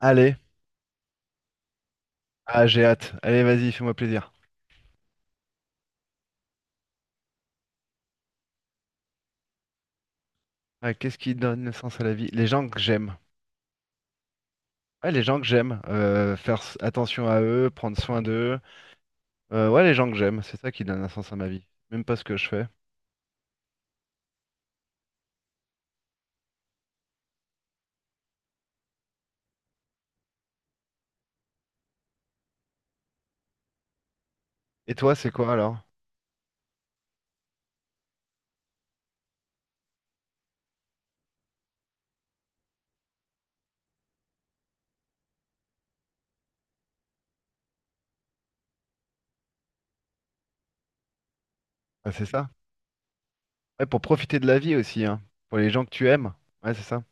Allez, ah j'ai hâte. Allez, vas-y, fais-moi plaisir. Ah, qu'est-ce qui donne sens à la vie? Les gens que j'aime. Ouais, les gens que j'aime. Faire attention à eux, prendre soin d'eux. Ouais, les gens que j'aime, c'est ça qui donne un sens à ma vie. Même pas ce que je fais. Et toi, c'est quoi alors? Ah, c'est ça. Ouais, pour profiter de la vie aussi, hein. Pour les gens que tu aimes. Ouais, c'est ça.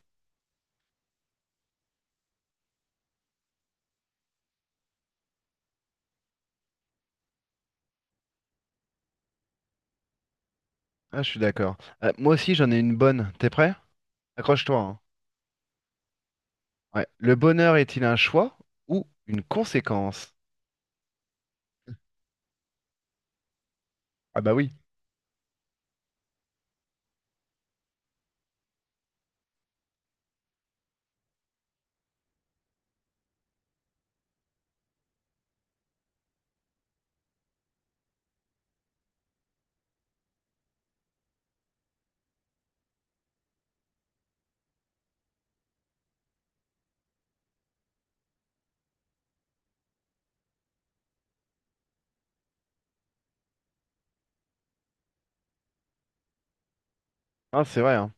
Ah, je suis d'accord. Moi aussi, j'en ai une bonne. T'es prêt? Accroche-toi, hein. Ouais. Le bonheur est-il un choix ou une conséquence? Ah bah oui. Ah, c'est vrai, hein.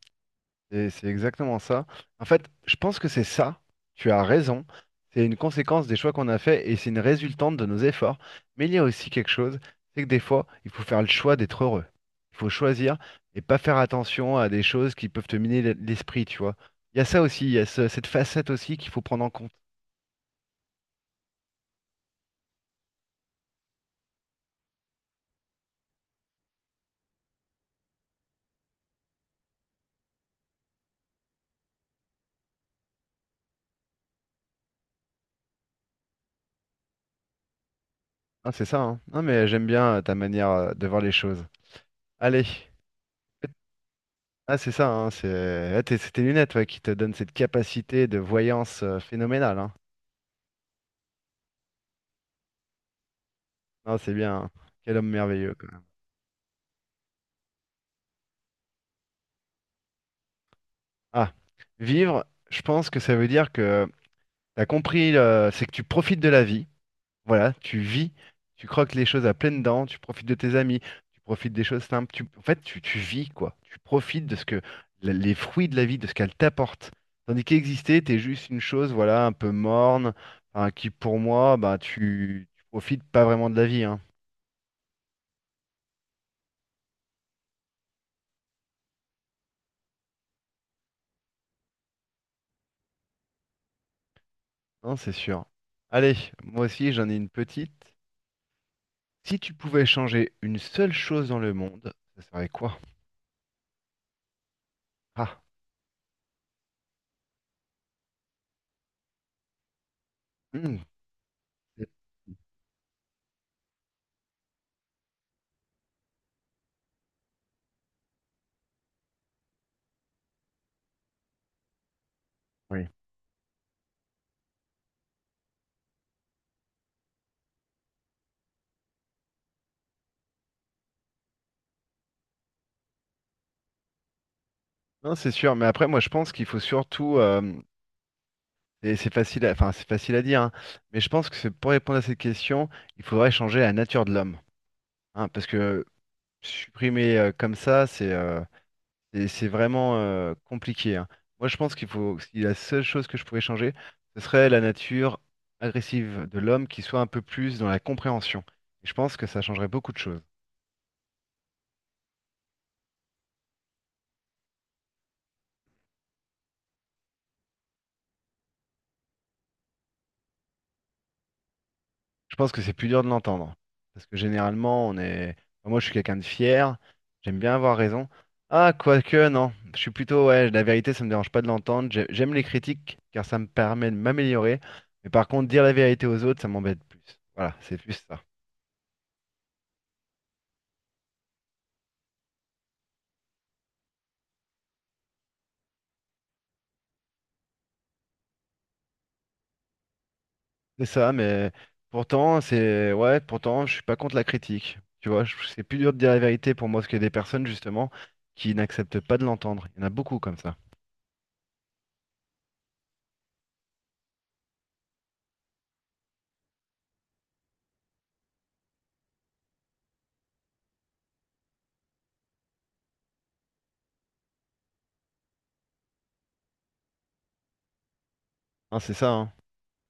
Et c'est exactement ça. En fait, je pense que c'est ça. Tu as raison. C'est une conséquence des choix qu'on a faits et c'est une résultante de nos efforts. Mais il y a aussi quelque chose, c'est que des fois, il faut faire le choix d'être heureux. Il faut choisir et pas faire attention à des choses qui peuvent te miner l'esprit, tu vois. Il y a ça aussi, il y a cette facette aussi qu'il faut prendre en compte. Ah, c'est ça, hein. Non, mais j'aime bien ta manière de voir les choses. Allez. Ah, c'est ça, hein, c'est ah, c'est tes lunettes, ouais, qui te donnent cette capacité de voyance phénoménale, hein. Non, c'est bien, hein. Quel homme merveilleux, quand même. Ah, vivre, je pense que ça veut dire que t'as compris, c'est que tu profites de la vie. Voilà, tu vis, tu croques les choses à pleines dents, tu profites de tes amis, tu profites des choses simples. Tu vis, quoi. Tu profites de ce que, les fruits de la vie, de ce qu'elle t'apporte. Tandis qu'exister, t'es juste une chose, voilà, un peu morne, hein, qui pour moi, bah, tu profites pas vraiment de la vie, hein. Non, c'est sûr. Allez, moi aussi, j'en ai une petite. Si tu pouvais changer une seule chose dans le monde, ça serait quoi? Ah, hmm, c'est- oui. Non, c'est sûr, mais après, moi, je pense qu'il faut surtout, et c'est facile à, enfin, c'est facile à dire, hein, mais je pense que c'est pour répondre à cette question, il faudrait changer la nature de l'homme, hein, parce que supprimer comme ça, c'est vraiment compliqué, hein. Moi, je pense qu'il faut, si la seule chose que je pourrais changer, ce serait la nature agressive de l'homme qui soit un peu plus dans la compréhension. Et je pense que ça changerait beaucoup de choses. Je pense que c'est plus dur de l'entendre. Parce que généralement, on est. Enfin, moi, je suis quelqu'un de fier. J'aime bien avoir raison. Ah, quoique, non. Je suis plutôt. Ouais, la vérité, ça me dérange pas de l'entendre. J'aime les critiques, car ça me permet de m'améliorer. Mais par contre, dire la vérité aux autres, ça m'embête plus. Voilà, c'est plus ça. C'est ça, mais pourtant, c'est. Ouais, pourtant, je suis pas contre la critique. Tu vois, c'est plus dur de dire la vérité pour moi, parce qu'il y a des personnes, justement, qui n'acceptent pas de l'entendre. Il y en a beaucoup comme ça. Hein, c'est ça, hein.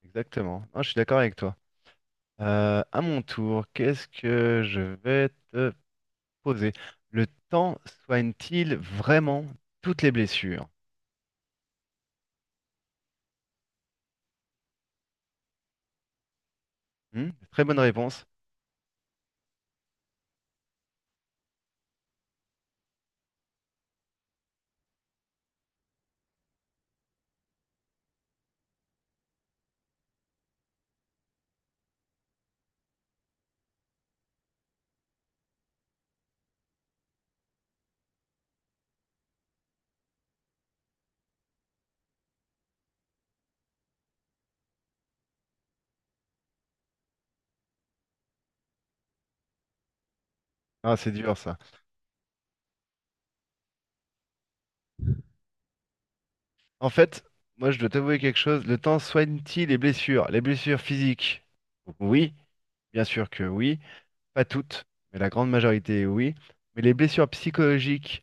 Exactement. Ah, je suis d'accord avec toi. À mon tour, qu'est-ce que je vais te poser? Le temps soigne-t-il vraiment toutes les blessures? Hmm, très bonne réponse. Ah, c'est dur ça. En fait, moi je dois t'avouer quelque chose. Le temps soigne-t-il les blessures? Les blessures physiques? Oui, bien sûr que oui. Pas toutes, mais la grande majorité oui. Mais les blessures psychologiques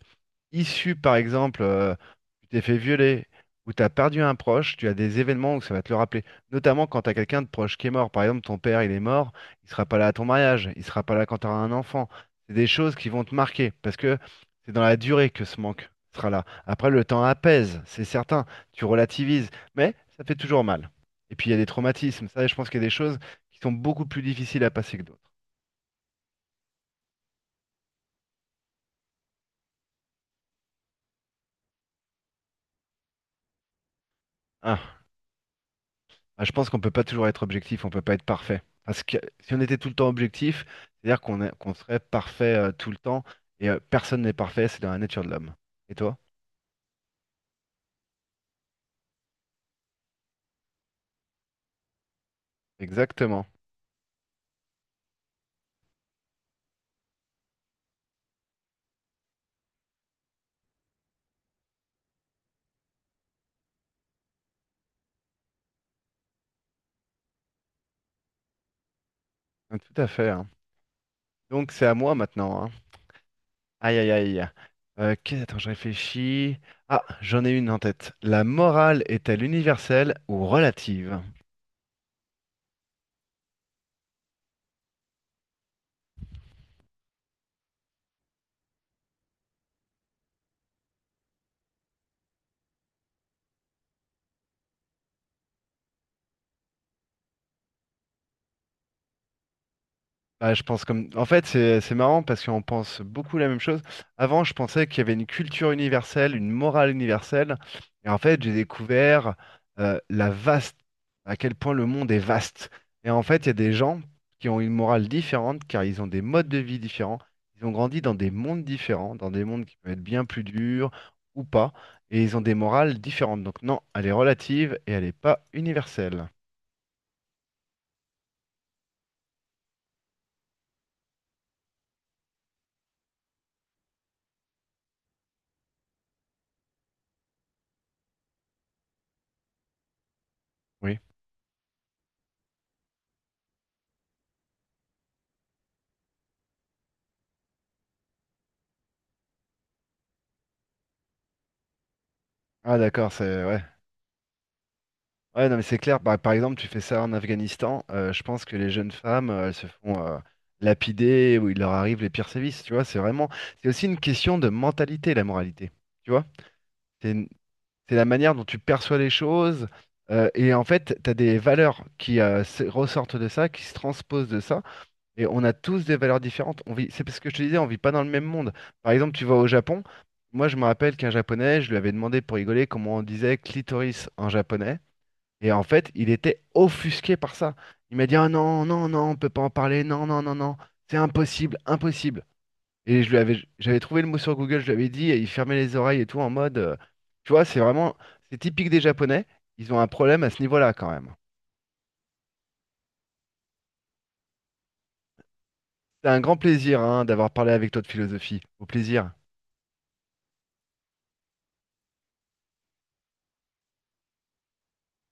issu, par exemple, tu t'es fait violer ou tu as perdu un proche, tu as des événements où ça va te le rappeler. Notamment quand tu as quelqu'un de proche qui est mort. Par exemple, ton père, il est mort, il sera pas là à ton mariage, il sera pas là quand tu auras un enfant. C'est des choses qui vont te marquer parce que c'est dans la durée que ce manque sera là. Après, le temps apaise, c'est certain, tu relativises, mais ça fait toujours mal. Et puis, il y a des traumatismes. Ça, je pense qu'il y a des choses qui sont beaucoup plus difficiles à passer que d'autres. Ah. Ah, je pense qu'on peut pas toujours être objectif, on peut pas être parfait. Parce que si on était tout le temps objectif, qu'on serait parfait tout le temps, et personne n'est parfait, c'est dans la nature de l'homme. Et toi? Exactement. Ah, tout à fait, hein. Donc c'est à moi maintenant, hein. Aïe aïe aïe. Attends, je réfléchis. Ah, j'en ai une en tête. La morale est-elle universelle ou relative? Bah, je pense comme. En fait, c'est marrant parce qu'on pense beaucoup la même chose. Avant, je pensais qu'il y avait une culture universelle, une morale universelle. Et en fait, j'ai découvert euh, la vaste, à quel point le monde est vaste. Et en fait, il y a des gens qui ont une morale différente car ils ont des modes de vie différents. Ils ont grandi dans des mondes différents, dans des mondes qui peuvent être bien plus durs ou pas. Et ils ont des morales différentes. Donc, non, elle est relative et elle n'est pas universelle. Oui. Ah, d'accord, c'est. Ouais. Ouais, non, mais c'est clair. Par exemple, tu fais ça en Afghanistan, je pense que les jeunes femmes, elles se font lapider ou il leur arrive les pires sévices. Tu vois, c'est vraiment, c'est aussi une question de mentalité, la moralité. Tu vois, c'est une- c'est la manière dont tu perçois les choses. Et en fait, tu as des valeurs qui ressortent de ça, qui se transposent de ça. Et on a tous des valeurs différentes. On vit, c'est parce que je te disais, on vit pas dans le même monde. Par exemple, tu vas au Japon. Moi, je me rappelle qu'un Japonais, je lui avais demandé pour rigoler comment on disait clitoris en japonais. Et en fait, il était offusqué par ça. Il m'a dit, « Ah non, non, non, on peut pas en parler, non, non, non, non, c'est impossible, impossible. » Et je lui avais, j'avais trouvé le mot sur Google, je lui avais dit, et il fermait les oreilles et tout en mode, tu vois, c'est vraiment, c'est typique des Japonais, ils ont un problème à ce niveau-là quand même. C'est un grand plaisir, hein, d'avoir parlé avec toi de philosophie. Au plaisir.